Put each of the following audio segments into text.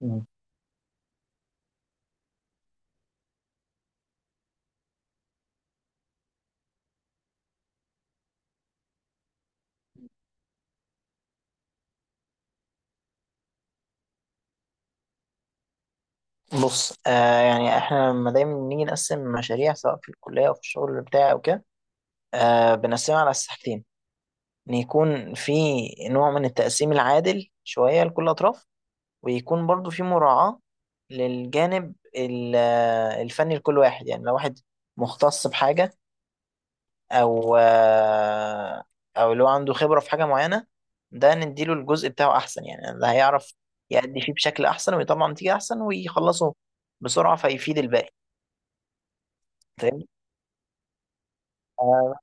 مم. بص يعني احنا لما دايما بنيجي نقسم مشاريع سواء في الكلية او في الشغل بتاعي او كده، بنقسمها على أساس حاجتين. ان يكون في نوع من التقسيم العادل شوية لكل الاطراف، ويكون برضو في مراعاة للجانب الفني لكل واحد. يعني لو واحد مختص بحاجة او آه او لو عنده خبرة في حاجة معينة، ده نديله الجزء بتاعه احسن. يعني ده هيعرف يأدي فيه بشكل احسن ويطلع نتيجة احسن ويخلصه بسرعة فيفيد الباقي. فاهم؟ آه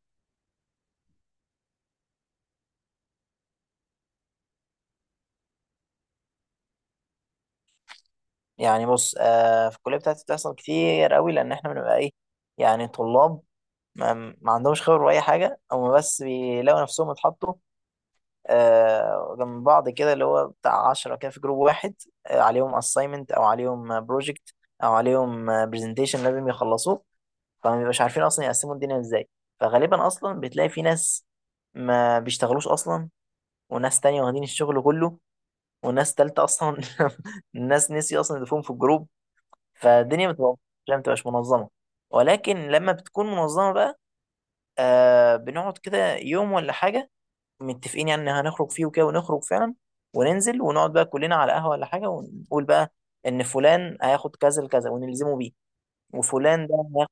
يعني بص، في الكليه بتاعتي بتحصل كتير قوي لان احنا بنبقى ايه، يعني طلاب ما, ما عندهمش خبره باي حاجه. هم بس بيلاقوا نفسهم اتحطوا جنب بعض كده، اللي هو بتاع 10 كده في جروب واحد، عليهم اساينمنت او عليهم بروجكت او عليهم برزنتيشن لازم يخلصوه. فما بيبقاش عارفين اصلا يقسموا الدنيا ازاي. فغالبا اصلا بتلاقي في ناس ما بيشتغلوش اصلا، وناس تانية واخدين الشغل كله، وناس تالتة اصلا الناس نسي اصلا يضيفوهم في الجروب. فالدنيا ما بتبقاش منظمه. ولكن لما بتكون منظمه بقى، بنقعد كده يوم ولا حاجه، متفقين يعني إن هنخرج فيه وكده، ونخرج فعلا وننزل ونقعد بقى كلنا على قهوه ولا حاجه، ونقول بقى ان فلان هياخد كذا لكذا ونلزمه بيه، وفلان ده هياخد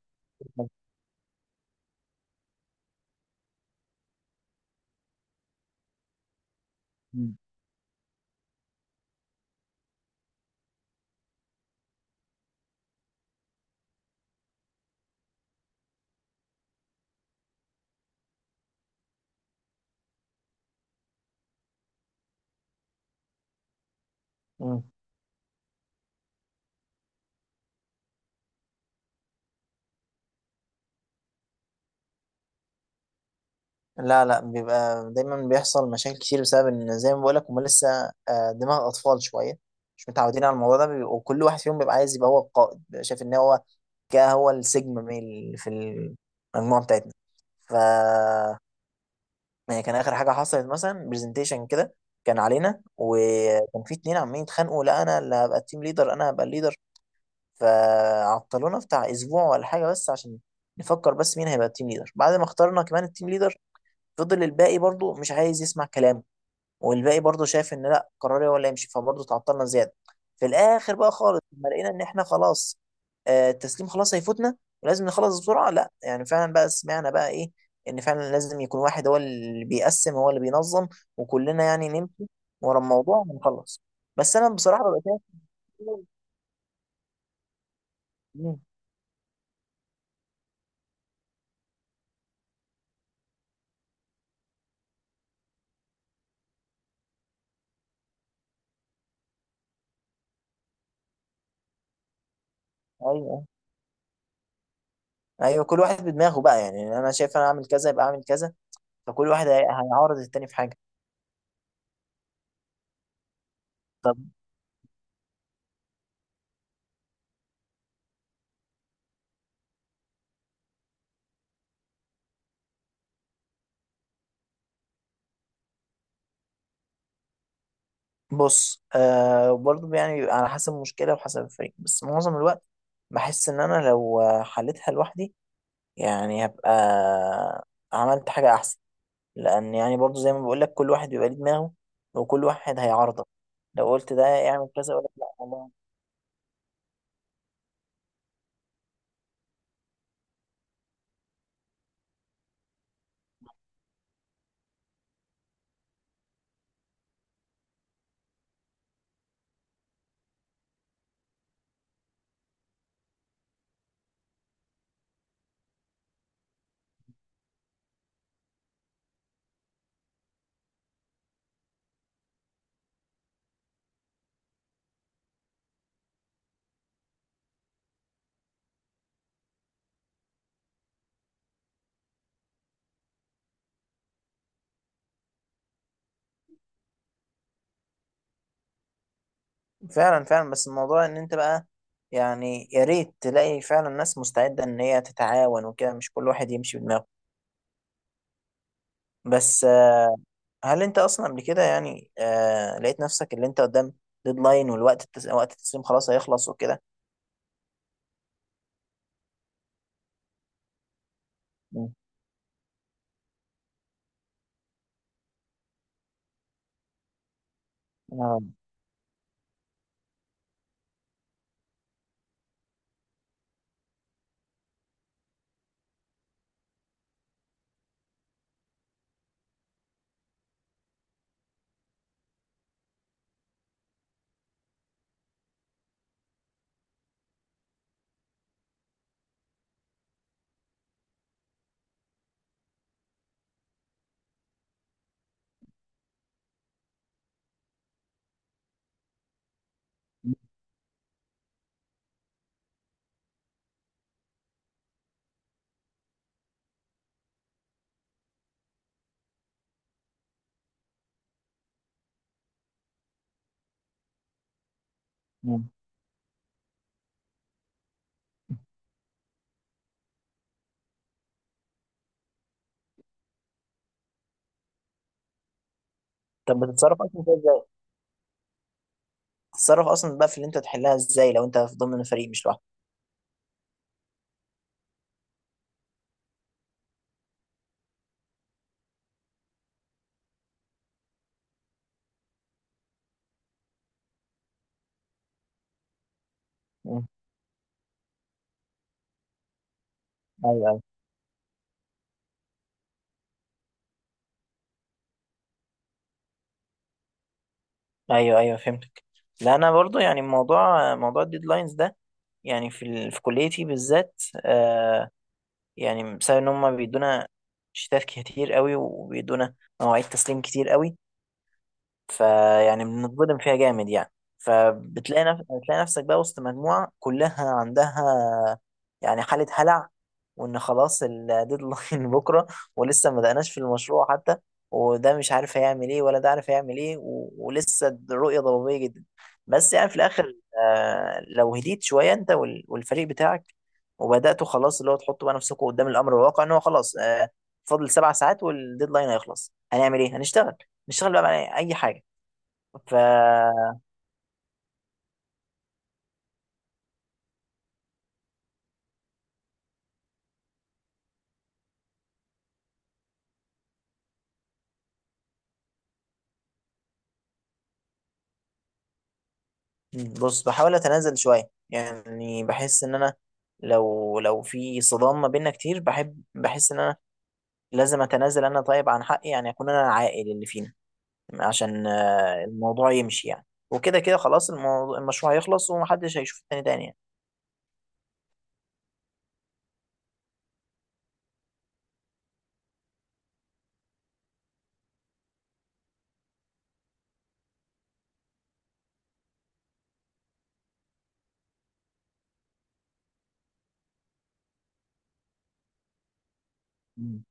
كذا. لا لا، بيبقى دايما بيحصل مشاكل كتير بسبب ان زي ما بقولك هما لسه دماغ اطفال شويه، مش متعودين على الموضوع ده. وكل واحد فيهم بيبقى عايز يبقى هو القائد، بيبقى شايف ان هو كده هو السيجما ميل في المجموعه بتاعتنا. ف يعني كان اخر حاجه حصلت مثلا برزنتيشن كده كان علينا، وكان في اتنين عمالين يتخانقوا، لا انا اللي هبقى التيم ليدر، انا هبقى الليدر. فعطلونا بتاع اسبوع ولا حاجه بس عشان نفكر بس مين هيبقى التيم ليدر. بعد ما اخترنا كمان التيم ليدر، فضل الباقي برضو مش عايز يسمع كلامه، والباقي برضو شايف ان لا قراري هو اللي يمشي، فبرضو تعطلنا زياده. في الاخر بقى خالص لما لقينا ان احنا خلاص، التسليم خلاص هيفوتنا ولازم نخلص بسرعه. لا يعني فعلا بقى سمعنا بقى ايه، ان فعلا لازم يكون واحد هو اللي بيقسم هو اللي بينظم، وكلنا يعني نمشي ورا الموضوع ونخلص. بس انا بصراحه ببقى شايف، مم، ايوه ايوه أيوه، كل واحد بدماغه بقى. يعني انا شايف انا اعمل كذا يبقى اعمل كذا. فكل واحد هيعارض التاني في حاجه. بص برضه يعني بيبقى على حسب المشكلة وحسب الفريق، بس معظم الوقت بحس إن أنا لو حلتها لوحدي يعني هبقى عملت حاجة أحسن، لأن يعني برضه زي ما بقولك كل واحد بيبقى ليه دماغه وكل واحد هيعارضك. لو قلت ده يعمل كذا يقولك لأ والله. فعلا فعلا، بس الموضوع إن أنت بقى يعني يا ريت تلاقي فعلا ناس مستعدة إن هي تتعاون وكده، مش كل واحد يمشي بدماغه. بس هل انت اصلا قبل كده يعني لقيت نفسك اللي انت قدام ديدلاين، والوقت وقت التسليم خلاص هيخلص وكده؟ مم. آه. مم. طب بتتصرف اصلا فيها ازاي؟ بتتصرف اصلا بقى في اللي انت تحلها ازاي لو انت في ضمن فريق مش لوحدك؟ مم. ايوه ايوه. ايوه ايوه، فهمتك. لا انا برضو يعني موضوع الديدلاينز ده، يعني في كليتي بالذات، يعني بسبب ان هم بيدونا شتات كتير قوي وبيدونا مواعيد تسليم كتير قوي، فيعني بنتظلم فيها جامد يعني. بتلاقي نفسك بقى وسط مجموعة كلها عندها يعني حالة هلع، وإن خلاص الديدلاين بكرة، ولسه ما بدأناش في المشروع حتى، وده مش عارف هيعمل إيه ولا ده عارف هيعمل إيه ولسه الرؤية ضبابية جدا. بس يعني في الآخر لو هديت شوية أنت والفريق بتاعك، وبدأتوا خلاص اللي هو تحطوا بقى نفسكم قدام الأمر الواقع إن هو خلاص فاضل 7 ساعات والديدلاين هيخلص. هنعمل إيه؟ هنشتغل، نشتغل بقى على أي حاجة. ف بص بحاول اتنازل شويه. يعني بحس ان انا لو في صدام ما بيننا كتير، بحس ان انا لازم اتنازل انا، طيب، عن حقي. يعني اكون انا العاقل اللي فينا عشان الموضوع يمشي يعني، وكده كده خلاص الموضوع المشروع هيخلص ومحدش هيشوف التاني تاني يعني. مم.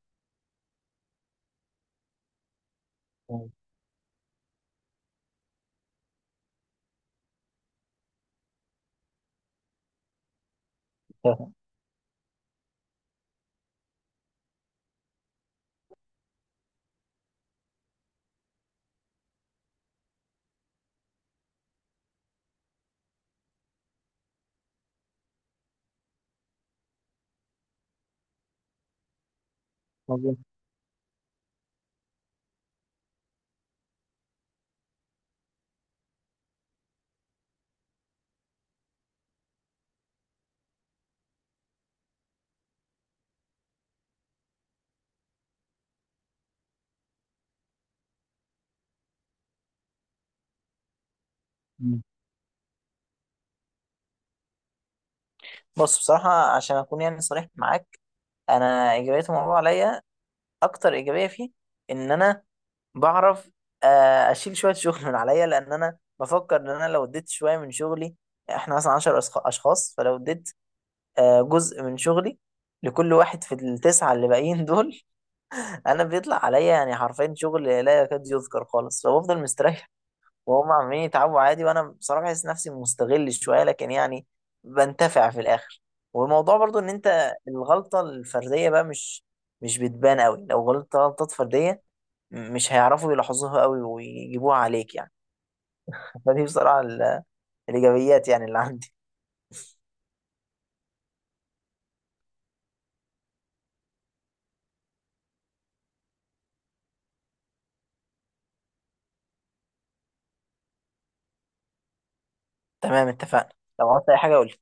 فاهم. مظبوط. مم. بص بصراحه، عشان اكون يعني صريح معاك، انا اجابتهم الموضوع عليا اكتر ايجابيه فيه ان انا بعرف اشيل شويه شغل من عليا. لان انا بفكر ان انا لو اديت شويه من شغلي، احنا مثلا 10 اشخاص، فلو اديت جزء من شغلي لكل واحد في التسعه اللي باقيين دول، انا بيطلع عليا يعني حرفيا شغل لا يكاد يذكر خالص فبفضل مستريح، وهم عمالين يتعبوا عادي. وانا بصراحه بحس نفسي مستغل شويه لكن يعني بنتفع في الاخر. والموضوع برضو ان انت الغلطه الفرديه بقى مش بتبان قوي لو غلطت غلطات فرديه. مش هيعرفوا يلاحظوها قوي ويجيبوها عليك يعني. فدي بصراحه الايجابيات يعني اللي عندي. تمام اتفقنا. لو عملت اي حاجه قول